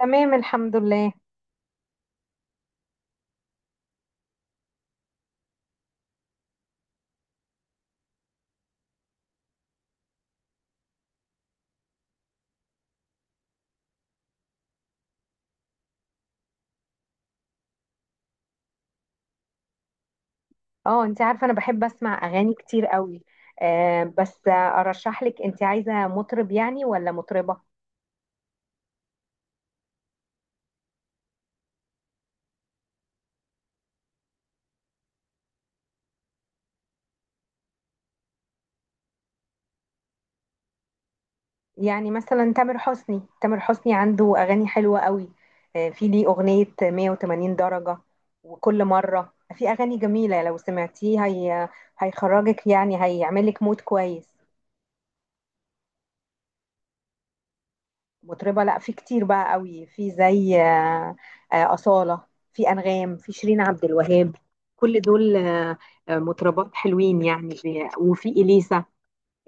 تمام، الحمد لله. اه، انت عارفه انا بحب اسمع اغاني كتير قوي. آه بس آه، ارشح لك، انت عايزه مطرب يعني ولا مطربه؟ يعني مثلا تامر حسني، تامر حسني عنده اغاني حلوه قوي. في ليه اغنيه 180 درجه، وكل مره في اغاني جميله. لو سمعتيه هي هيخرجك، يعني هيعملك مود كويس. مطربة؟ لا، في كتير بقى قوي، في زي أصالة، في أنغام، في شيرين عبد الوهاب. كل دول مطربات حلوين يعني، وفي إليسا.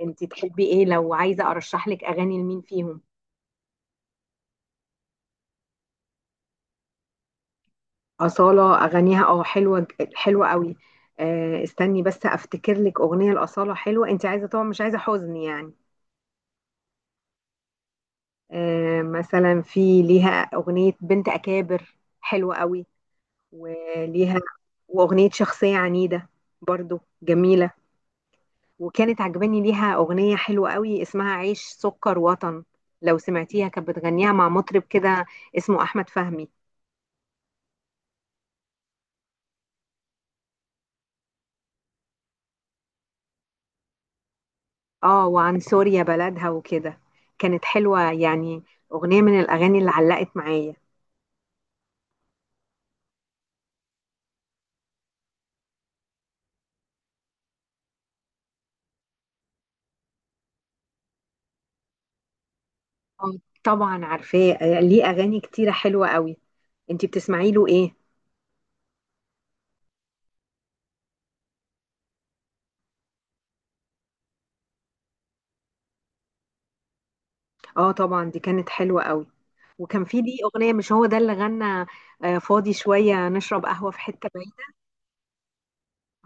انت تحبي ايه؟ لو عايزة أرشح لك أغاني لمين فيهم؟ أصالة أغانيها اه حلوة، حلوة قوي. استني بس أفتكر لك أغنية لأصالة حلوة. انت عايزة طبعا مش عايزة حزن يعني؟ مثلا في ليها أغنية بنت أكابر حلوة قوي. وليها واغنيه شخصيه عنيده، برضو جميله. وكانت عجباني ليها اغنيه حلوه قوي اسمها عيش سكر وطن. لو سمعتيها، كانت بتغنيها مع مطرب كده اسمه احمد فهمي. اه، وعن سوريا بلدها وكده. كانت حلوه يعني، اغنيه من الاغاني اللي علقت معايا. آه، طبعا عارفاه، ليه اغاني كتيره حلوه قوي. انتي بتسمعي له ايه؟ اه، طبعا دي كانت حلوة قوي. وكان في دي أغنية، مش هو ده اللي غنى فاضي شوية، نشرب قهوة في حتة بعيدة.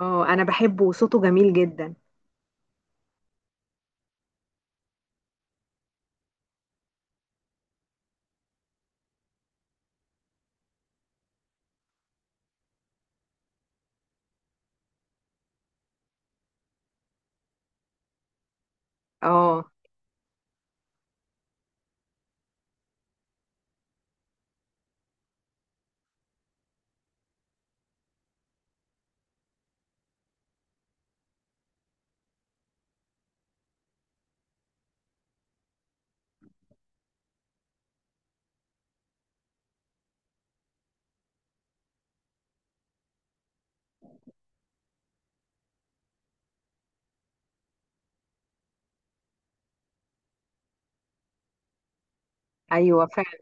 اه، أنا بحبه وصوته جميل جدا. اه، أيوة فعلا.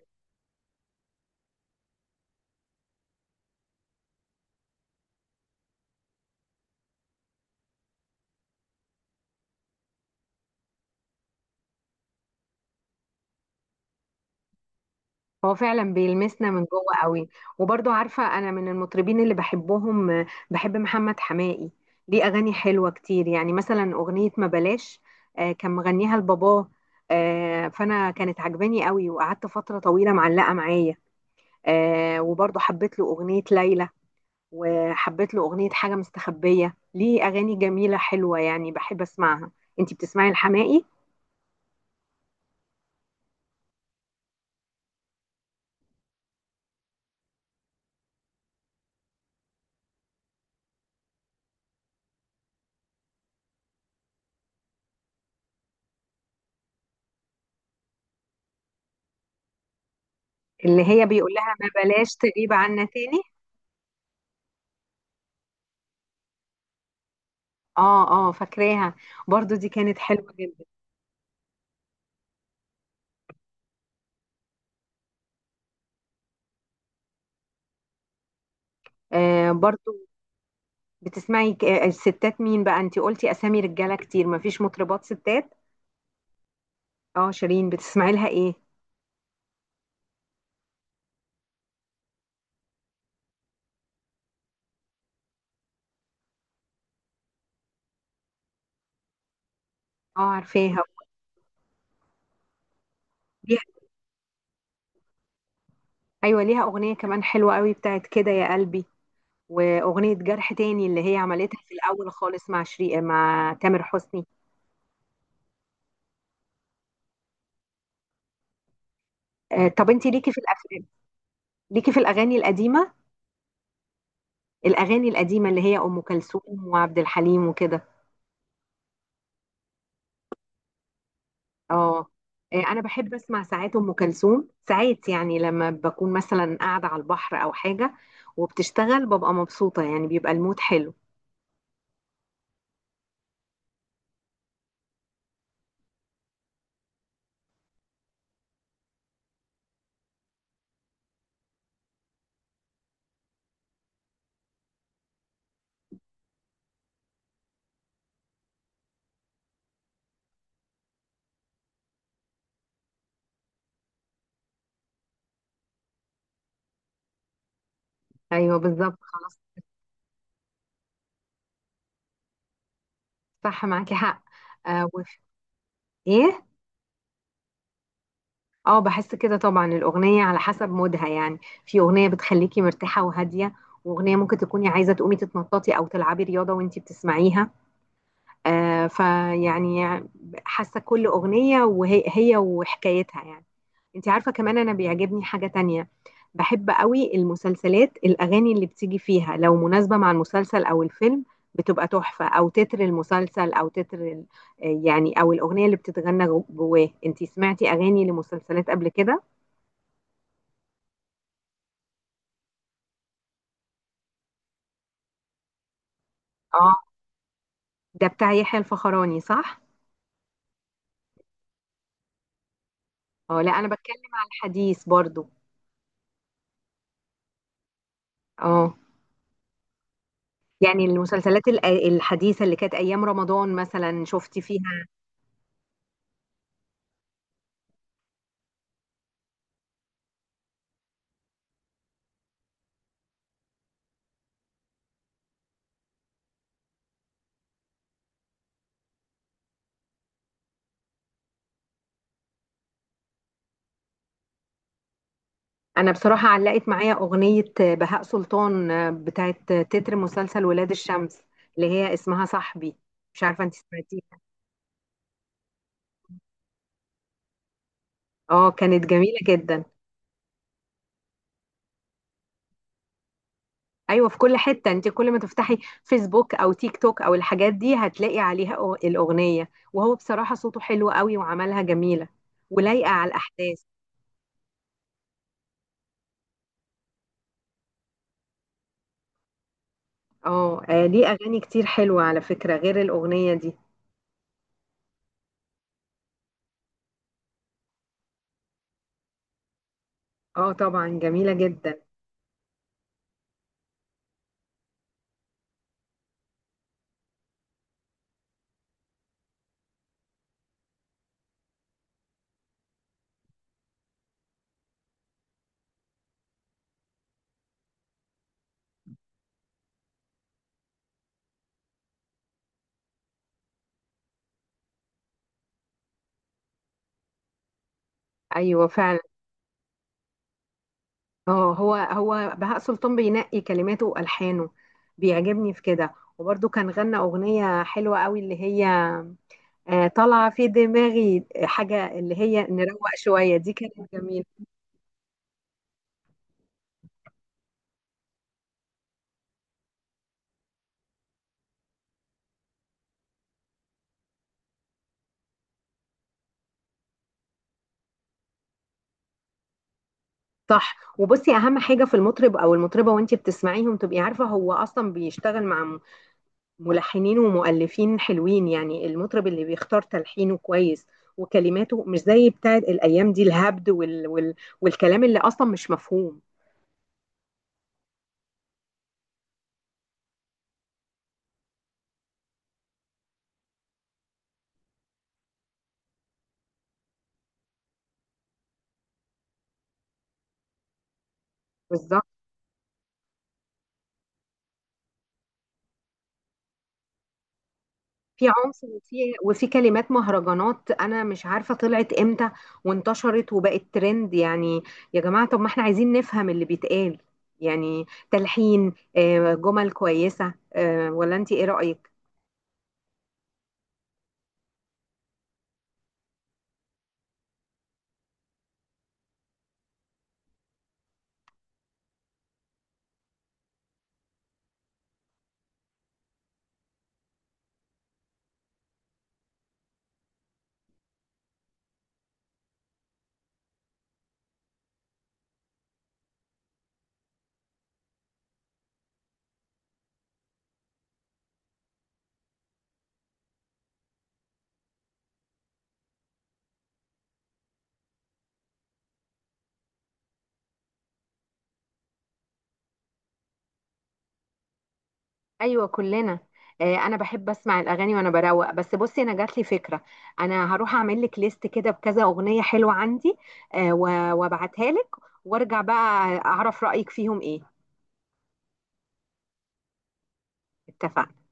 هو فعلا بيلمسنا من جوه قوي. وبرضو عارفة أنا من المطربين اللي بحبهم، بحب محمد حماقي. ليه أغاني حلوة كتير، يعني مثلا أغنية ما بلاش. كان مغنيها لباباه، فأنا كانت عجباني قوي وقعدت فترة طويلة معلقة معايا. وبرضو حبيت له أغنية ليلى، وحبيت له أغنية حاجة مستخبية. ليه أغاني جميلة حلوة يعني بحب أسمعها. أنتي بتسمعي الحماقي؟ اللي هي بيقول لها ما بلاش تغيب عنا تاني. اه، اه، فاكراها. برضو دي كانت حلوة جدا. برضو. بتسمعي الستات مين بقى؟ أنتي قلتي أسامي رجالة كتير، مفيش مطربات ستات؟ اه، شيرين، بتسمعي لها إيه؟ اه، عارفاها. ليها أيوة، ليها أغنية كمان حلوة قوي بتاعت كده يا قلبي، وأغنية جرح تاني، اللي هي عملتها في الأول خالص مع شريق مع تامر حسني. طب انت ليكي في الافلام؟ ليكي في الاغاني القديمه؟ الاغاني القديمه اللي هي ام كلثوم وعبد الحليم وكده. اه، انا بحب اسمع ساعات ام كلثوم ساعات، يعني لما بكون مثلا قاعده على البحر او حاجه وبتشتغل، ببقى مبسوطه، يعني بيبقى المود حلو. ايوه، بالظبط، خلاص. صح، معاكي حق. آه وف... ايه؟ اه، بحس كده طبعا. الاغنيه على حسب مودها يعني. في اغنيه بتخليكي مرتاحه وهاديه، واغنيه ممكن تكوني عايزه تقومي تتنططي او تلعبي رياضه وانتي بتسمعيها. فيعني حاسة كل أغنية وهي هي وحكايتها يعني. انت عارفة، كمان أنا بيعجبني حاجة تانية. بحب قوي المسلسلات، الأغاني اللي بتيجي فيها لو مناسبة مع المسلسل أو الفيلم بتبقى تحفة، أو تتر المسلسل أو تتر يعني أو الأغنية اللي بتتغنى جواه. انت سمعتي أغاني لمسلسلات قبل كده؟ اه، ده بتاع يحيى الفخراني صح؟ اه، لا، أنا بتكلم على الحديث برضو. اه، يعني المسلسلات الحديثة اللي كانت أيام رمضان مثلا، شفتي فيها؟ أنا بصراحة علقت معايا أغنية بهاء سلطان، بتاعت تتر مسلسل ولاد الشمس، اللي هي اسمها صاحبي. مش عارفة أنت سمعتيها؟ اه، كانت جميلة جدا. أيوة، في كل حتة، أنت كل ما تفتحي فيسبوك أو تيك توك أو الحاجات دي، هتلاقي عليها الأغنية. وهو بصراحة صوته حلو قوي، وعملها جميلة ولايقة على الأحداث. اه، ليه أغاني كتير حلوة على فكرة غير الأغنية دي. اه، طبعا جميلة جدا. ايوه فعلا. اه، هو هو بهاء سلطان بينقي كلماته والحانه، بيعجبني في كده. وبرده كان غنى اغنيه حلوه قوي اللي هي طالعه في دماغي حاجه، اللي هي نروق شويه. دي كانت جميله. صح. وبصي، اهم حاجه في المطرب او المطربه وانتي بتسمعيهم، تبقي عارفه هو اصلا بيشتغل مع ملحنين ومؤلفين حلوين. يعني المطرب اللي بيختار تلحينه كويس وكلماته، مش زي بتاعت الايام دي، الهبد والكلام اللي اصلا مش مفهوم. بالظبط. في عنف وفي كلمات مهرجانات انا مش عارفه طلعت امتى وانتشرت وبقت ترند يعني. يا جماعه، طب ما احنا عايزين نفهم اللي بيتقال، يعني تلحين جمل كويسه، ولا انت ايه رايك؟ ايوه، كلنا. انا بحب اسمع الاغاني وانا بروق. بس بصي، انا جات لي فكره. انا هروح اعمل لك ليست كده بكذا اغنيه حلوه عندي وابعتها لك، وارجع بقى اعرف رايك فيهم ايه. اتفقنا.